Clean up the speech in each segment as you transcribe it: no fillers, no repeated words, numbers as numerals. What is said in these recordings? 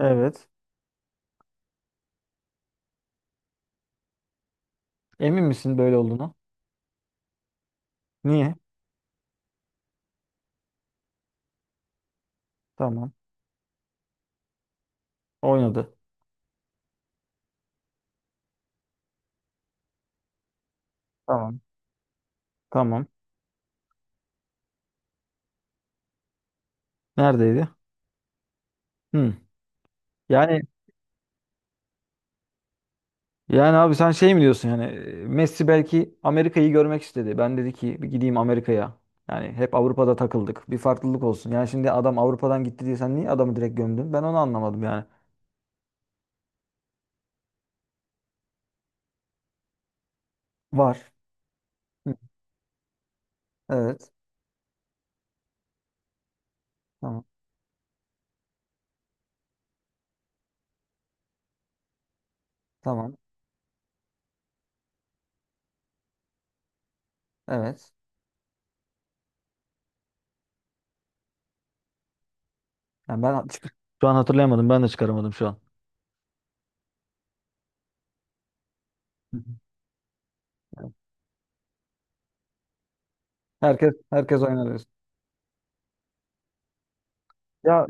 Evet. Emin misin böyle olduğunu? Niye? Tamam. Oynadı. Tamam. Tamam. Neredeydi? Hmm. Yani yani abi sen şey mi diyorsun yani Messi belki Amerika'yı görmek istedi. Ben dedi ki bir gideyim Amerika'ya. Yani hep Avrupa'da takıldık. Bir farklılık olsun. Yani şimdi adam Avrupa'dan gitti diye sen niye adamı direkt gömdün? Ben onu anlamadım yani. Var. Hı. Evet. Tamam. Tamam. Evet. Yani şu an hatırlayamadım. Ben de çıkaramadım şu an. Hı hı. Herkes oynar diyorsun. Ya,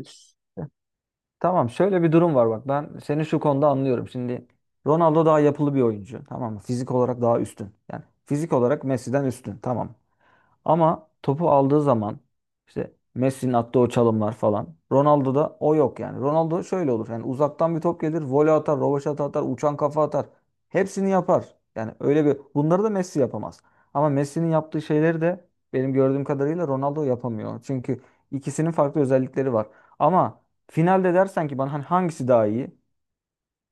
tamam, şöyle bir durum var bak, ben seni şu konuda anlıyorum. Şimdi Ronaldo daha yapılı bir oyuncu, tamam mı? Fizik olarak daha üstün. Yani fizik olarak Messi'den üstün, tamam. Ama topu aldığı zaman işte Messi'nin attığı o çalımlar falan. Ronaldo'da o yok yani. Ronaldo şöyle olur. Yani uzaktan bir top gelir, voley atar, rövaşata atar, uçan kafa atar. Hepsini yapar. Yani öyle bir bunları da Messi yapamaz. Ama Messi'nin yaptığı şeyleri de benim gördüğüm kadarıyla Ronaldo yapamıyor. Çünkü ikisinin farklı özellikleri var. Ama finalde dersen ki bana hani hangisi daha iyi?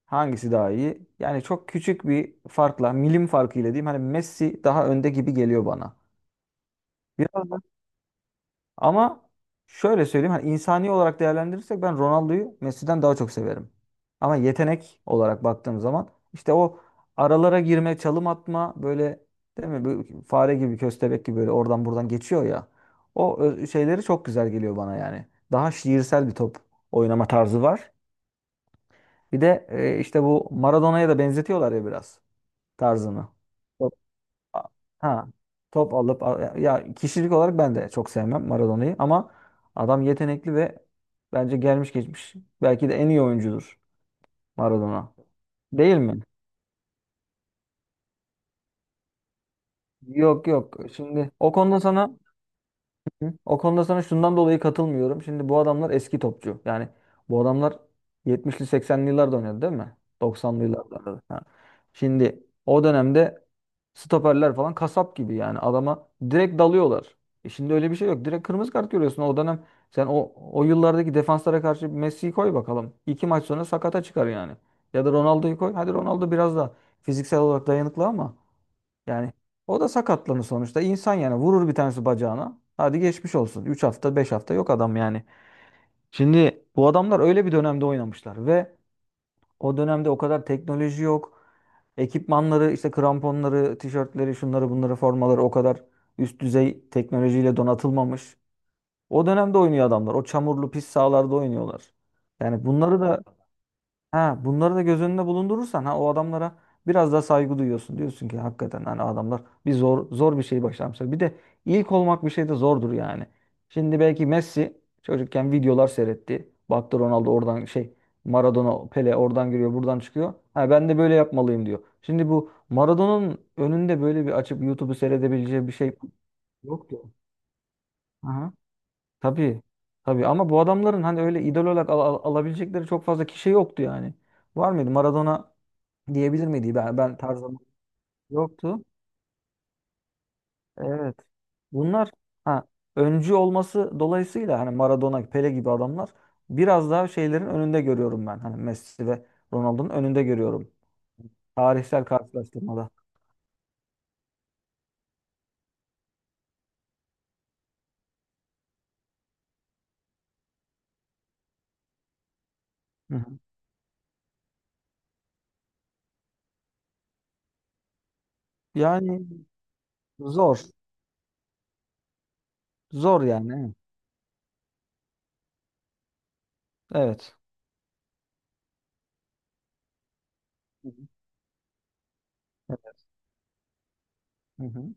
Hangisi daha iyi? Yani çok küçük bir farkla, milim farkıyla diyeyim. Hani Messi daha önde gibi geliyor bana. Biraz ama şöyle söyleyeyim, hani insani olarak değerlendirirsek ben Ronaldo'yu Messi'den daha çok severim. Ama yetenek olarak baktığım zaman işte o aralara girme, çalım atma böyle, değil mi? Bu fare gibi, köstebek gibi böyle oradan buradan geçiyor ya. Şeyleri çok güzel geliyor bana yani. Daha şiirsel bir top oynama tarzı var. Bir de işte bu Maradona'ya da benzetiyorlar ya biraz tarzını. Ha, top alıp, ya kişilik olarak ben de çok sevmem Maradona'yı ama adam yetenekli ve bence gelmiş geçmiş belki de en iyi oyuncudur Maradona. Değil mi? Yok yok. Şimdi o konuda sana, hı? O konuda sana şundan dolayı katılmıyorum. Şimdi bu adamlar eski topçu. Yani bu adamlar 70'li 80'li yıllarda oynadı değil mi? 90'lı yıllarda. Da. Ha. Şimdi o dönemde stoperler falan kasap gibi yani adama direkt dalıyorlar. E şimdi öyle bir şey yok. Direkt kırmızı kart görüyorsun. O dönem sen o yıllardaki defanslara karşı Messi'yi koy bakalım. İki maç sonra sakata çıkar yani. Ya da Ronaldo'yu koy. Hadi Ronaldo biraz da fiziksel olarak dayanıklı ama yani o da sakatlanır sonuçta. İnsan yani vurur bir tanesi bacağına. Hadi geçmiş olsun. Üç hafta 5 hafta yok adam yani. Şimdi bu adamlar öyle bir dönemde oynamışlar ve o dönemde o kadar teknoloji yok. Ekipmanları işte kramponları, tişörtleri, şunları bunları formaları o kadar üst düzey teknolojiyle donatılmamış. O dönemde oynuyor adamlar. O çamurlu pis sahalarda oynuyorlar. Yani bunları da, ha, bunları da göz önünde bulundurursan, ha, o adamlara biraz daha saygı duyuyorsun. Diyorsun ki hakikaten hani adamlar bir zor bir şey başarmışlar. Bir de ilk olmak bir şey de zordur yani. Şimdi belki Messi çocukken videolar seyretti. Baktı Ronaldo oradan şey, Maradona Pele oradan giriyor buradan çıkıyor. Ha ben de böyle yapmalıyım diyor. Şimdi bu Maradona'nın önünde böyle bir açıp YouTube'u seyredebileceği bir şey yoktu. Aha. Tabii. Tabii ama bu adamların hani öyle idol olarak alabilecekleri çok fazla kişi yoktu yani. Var mıydı? Maradona diyebilir miydi? Ben tarzım yoktu. Evet. Bunlar, ha, öncü olması dolayısıyla hani Maradona, Pele gibi adamlar biraz daha şeylerin önünde görüyorum ben. Hani Messi ve Ronaldo'nun önünde görüyorum. Tarihsel karşılaştırmada. Hı hı. Yani zor. Zor yani. Evet. Hı. Hı hı.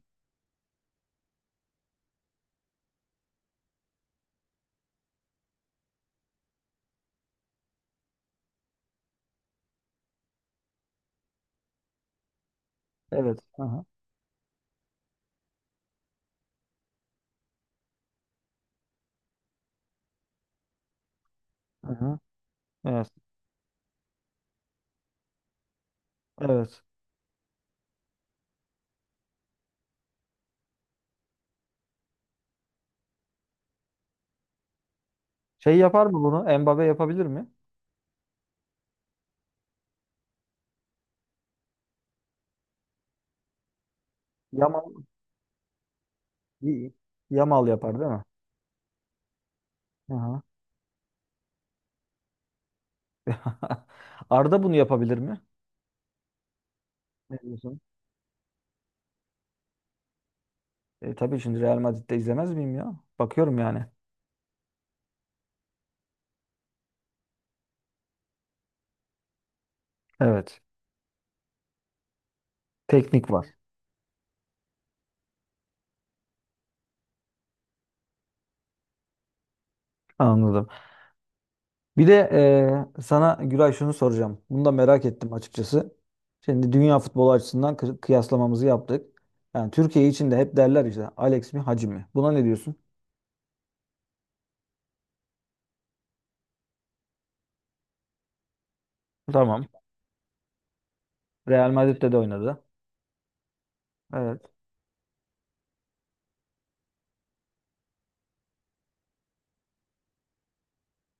Evet. Hı hı. Hı hı. Evet. Evet. Şey yapar mı bunu? Mbappe yapabilir mi? Yamal. Yamal yapar değil mi? Hı hı. Arda bunu yapabilir mi? Ne diyorsun? Tabii şimdi Real Madrid'de izlemez miyim ya? Bakıyorum yani. Evet. Teknik var. Anladım. Bir de sana Güray şunu soracağım. Bunu da merak ettim açıkçası. Şimdi dünya futbolu açısından kıyaslamamızı yaptık. Yani Türkiye için de hep derler işte Alex mi Hacı mı? Buna ne diyorsun? Tamam. Real Madrid'de de oynadı. Evet.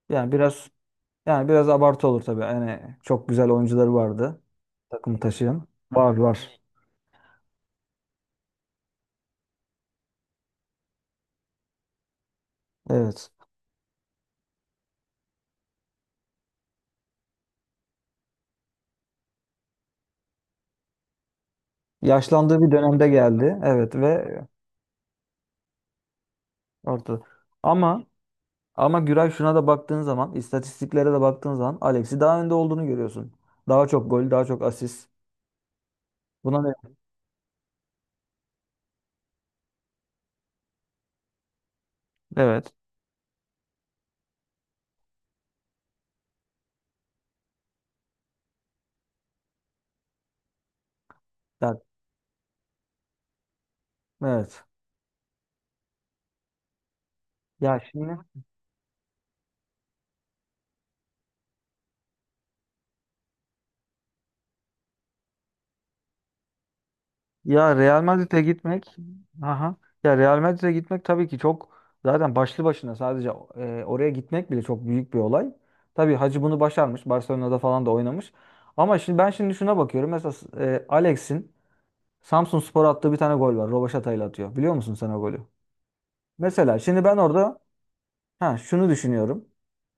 Yani biraz Yani biraz abartı olur tabii. Yani çok güzel oyuncuları vardı. Takımı taşıyan. Var var. Evet. Yaşlandığı bir dönemde geldi. Evet ve ortada. Ama, ama Güray, şuna da baktığın zaman, istatistiklere de baktığın zaman Alex'i daha önde olduğunu görüyorsun. Daha çok gol, daha çok asist. Buna ne? Evet. Ya, evet. Ya şimdi, ya Real Madrid'e gitmek, aha. Ya Real Madrid'e gitmek tabii ki çok, zaten başlı başına sadece oraya gitmek bile çok büyük bir olay. Tabii Hacı bunu başarmış. Barcelona'da falan da oynamış. Ama şimdi ben şimdi şuna bakıyorum. Mesela Alex'in Samsunspor'a attığı bir tane gol var. Robaşata'yla atıyor. Biliyor musun sen o golü? Mesela şimdi ben orada, ha, şunu düşünüyorum.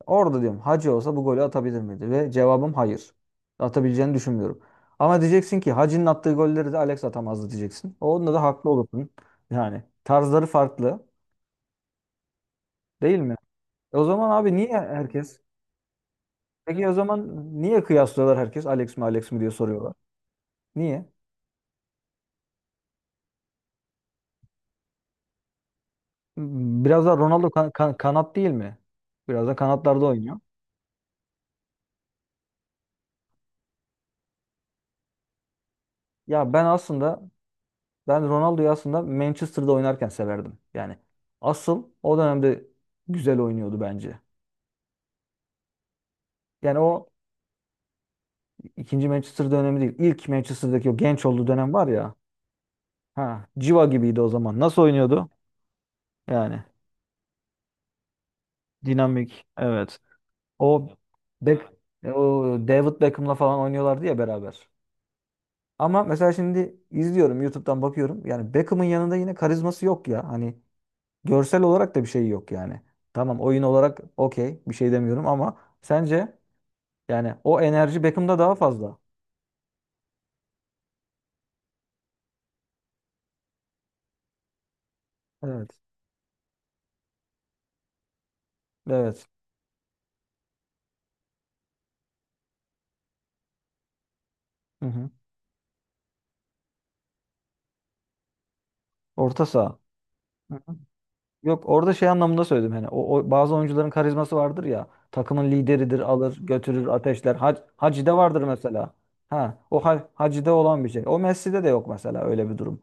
Orada diyorum Hacı olsa bu golü atabilir miydi? Ve cevabım hayır. Atabileceğini düşünmüyorum. Ama diyeceksin ki Hacı'nın attığı golleri de Alex atamazdı diyeceksin. Onda da haklı olursun. Yani tarzları farklı, değil mi? E o zaman abi niye herkes? Peki o zaman niye kıyaslıyorlar, herkes Alex mi Alex mi diye soruyorlar. Niye? Biraz da Ronaldo kanat değil mi? Biraz da kanatlarda oynuyor. Ya ben aslında, ben Ronaldo'yu aslında Manchester'da oynarken severdim. Yani asıl o dönemde güzel oynuyordu bence. Yani o ikinci Manchester dönemi değil. İlk Manchester'daki o genç olduğu dönem var ya. Ha, civa gibiydi o zaman. Nasıl oynuyordu? Yani dinamik. Evet. O Beck, e, o David Beckham'la falan oynuyorlardı ya beraber. Ama mesela şimdi izliyorum YouTube'dan bakıyorum. Yani Beckham'ın yanında yine karizması yok ya. Hani görsel olarak da bir şey yok yani. Tamam oyun olarak okey bir şey demiyorum ama sence, yani o enerji Beckham'da daha fazla. Evet. Evet. Hı hı. Orta saha. Hı hı. Yok orada şey anlamında söyledim, hani o bazı oyuncuların karizması vardır ya, takımın lideridir alır götürür ateşler, Hacı'da vardır mesela, ha, o ha, Hacı'da olan bir şey o Messi'de de yok mesela, öyle bir durum.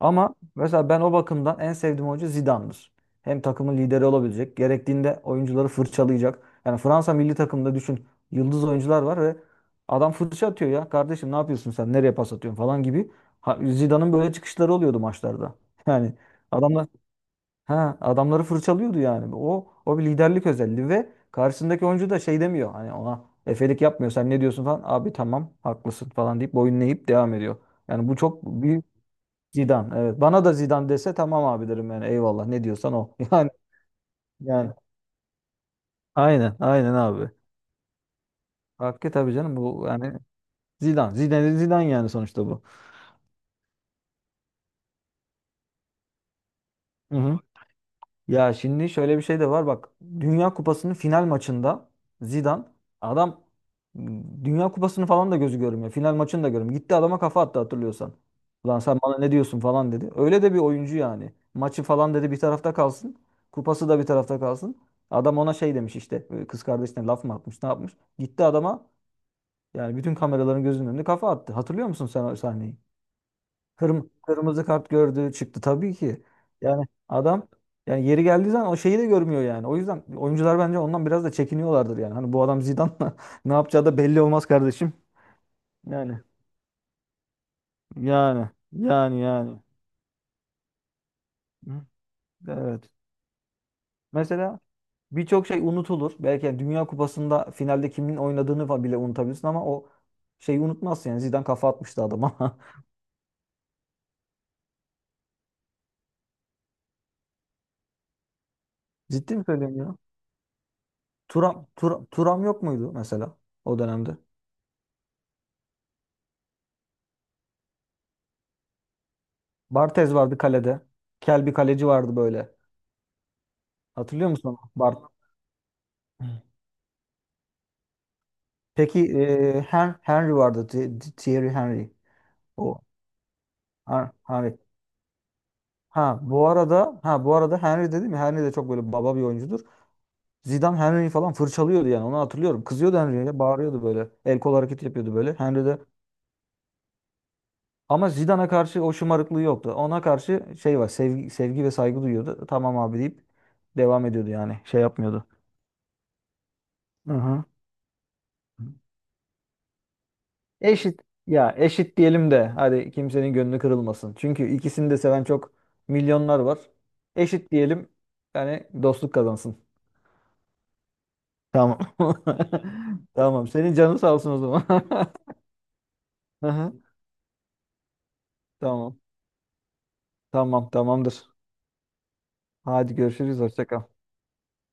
Ama mesela ben o bakımdan en sevdiğim oyuncu Zidane'dır. Hem takımın lideri olabilecek, gerektiğinde oyuncuları fırçalayacak. Yani Fransa milli takımında düşün, yıldız oyuncular var ve adam fırça atıyor ya. Kardeşim ne yapıyorsun sen? Nereye pas atıyorsun falan gibi. Ha, Zidane'ın böyle çıkışları oluyordu maçlarda. Yani adamlar, ha, adamları fırçalıyordu yani. O bir liderlik özelliği ve karşısındaki oyuncu da şey demiyor. Hani ona efelik yapmıyor. Sen ne diyorsun falan. Abi tamam haklısın falan deyip boyun eğip devam ediyor. Yani bu çok büyük. Zidane evet. Bana da Zidane dese tamam abi derim yani, eyvallah ne diyorsan o. Yani aynen abi. Hakkı tabii canım bu yani. Zidane. Zidane yani sonuçta bu. Hı hı. Ya şimdi şöyle bir şey de var bak. Dünya Kupası'nın final maçında Zidane, adam, Dünya Kupası'nı falan da gözü görmüyor. Final maçını da görmüyor. Gitti adama kafa attı hatırlıyorsan. Ulan sen bana ne diyorsun falan dedi. Öyle de bir oyuncu yani. Maçı falan dedi bir tarafta kalsın. Kupası da bir tarafta kalsın. Adam ona şey demiş işte, kız kardeşine laf mı atmış ne yapmış. Gitti adama, yani bütün kameraların gözünün önünde kafa attı. Hatırlıyor musun sen o sahneyi? Kırmızı kart gördü çıktı tabii ki. Yani adam, yani yeri geldiği zaman o şeyi de görmüyor yani. O yüzden oyuncular bence ondan biraz da çekiniyorlardır yani. Hani bu adam Zidane'la ne yapacağı da belli olmaz kardeşim. Yani yani. Hı, evet. Mesela birçok şey unutulur. Belki yani Dünya Kupası'nda finalde kimin oynadığını falan bile unutabilirsin ama o şeyi unutmazsın yani. Zidane kafa atmıştı adama. Ciddi mi söylüyorum ya? Turam yok muydu mesela o dönemde? Barthez vardı kalede. Kel bir kaleci vardı böyle. Hatırlıyor musun onu? Bart. Peki Henry vardı. Thierry Henry. O Henry. Ha bu arada, ha bu arada Henry dedim ya, Henry de çok böyle baba bir oyuncudur. Zidane Henry'yi falan fırçalıyordu yani onu hatırlıyorum. Kızıyordu Henry'e, bağırıyordu böyle. El kol hareketi yapıyordu böyle. Henry de ama Zidane'a karşı o şımarıklığı yoktu. Ona karşı şey var, sevgi, sevgi ve saygı duyuyordu. Tamam abi deyip devam ediyordu yani, şey yapmıyordu. Hı hı. Eşit, ya eşit diyelim de hadi kimsenin gönlü kırılmasın. Çünkü ikisini de seven çok milyonlar var. Eşit diyelim, yani dostluk kazansın. Tamam. Tamam. Senin canın sağ olsun o zaman. Aha, tamam. Tamam, tamamdır. Hadi görüşürüz. Hoşça kal.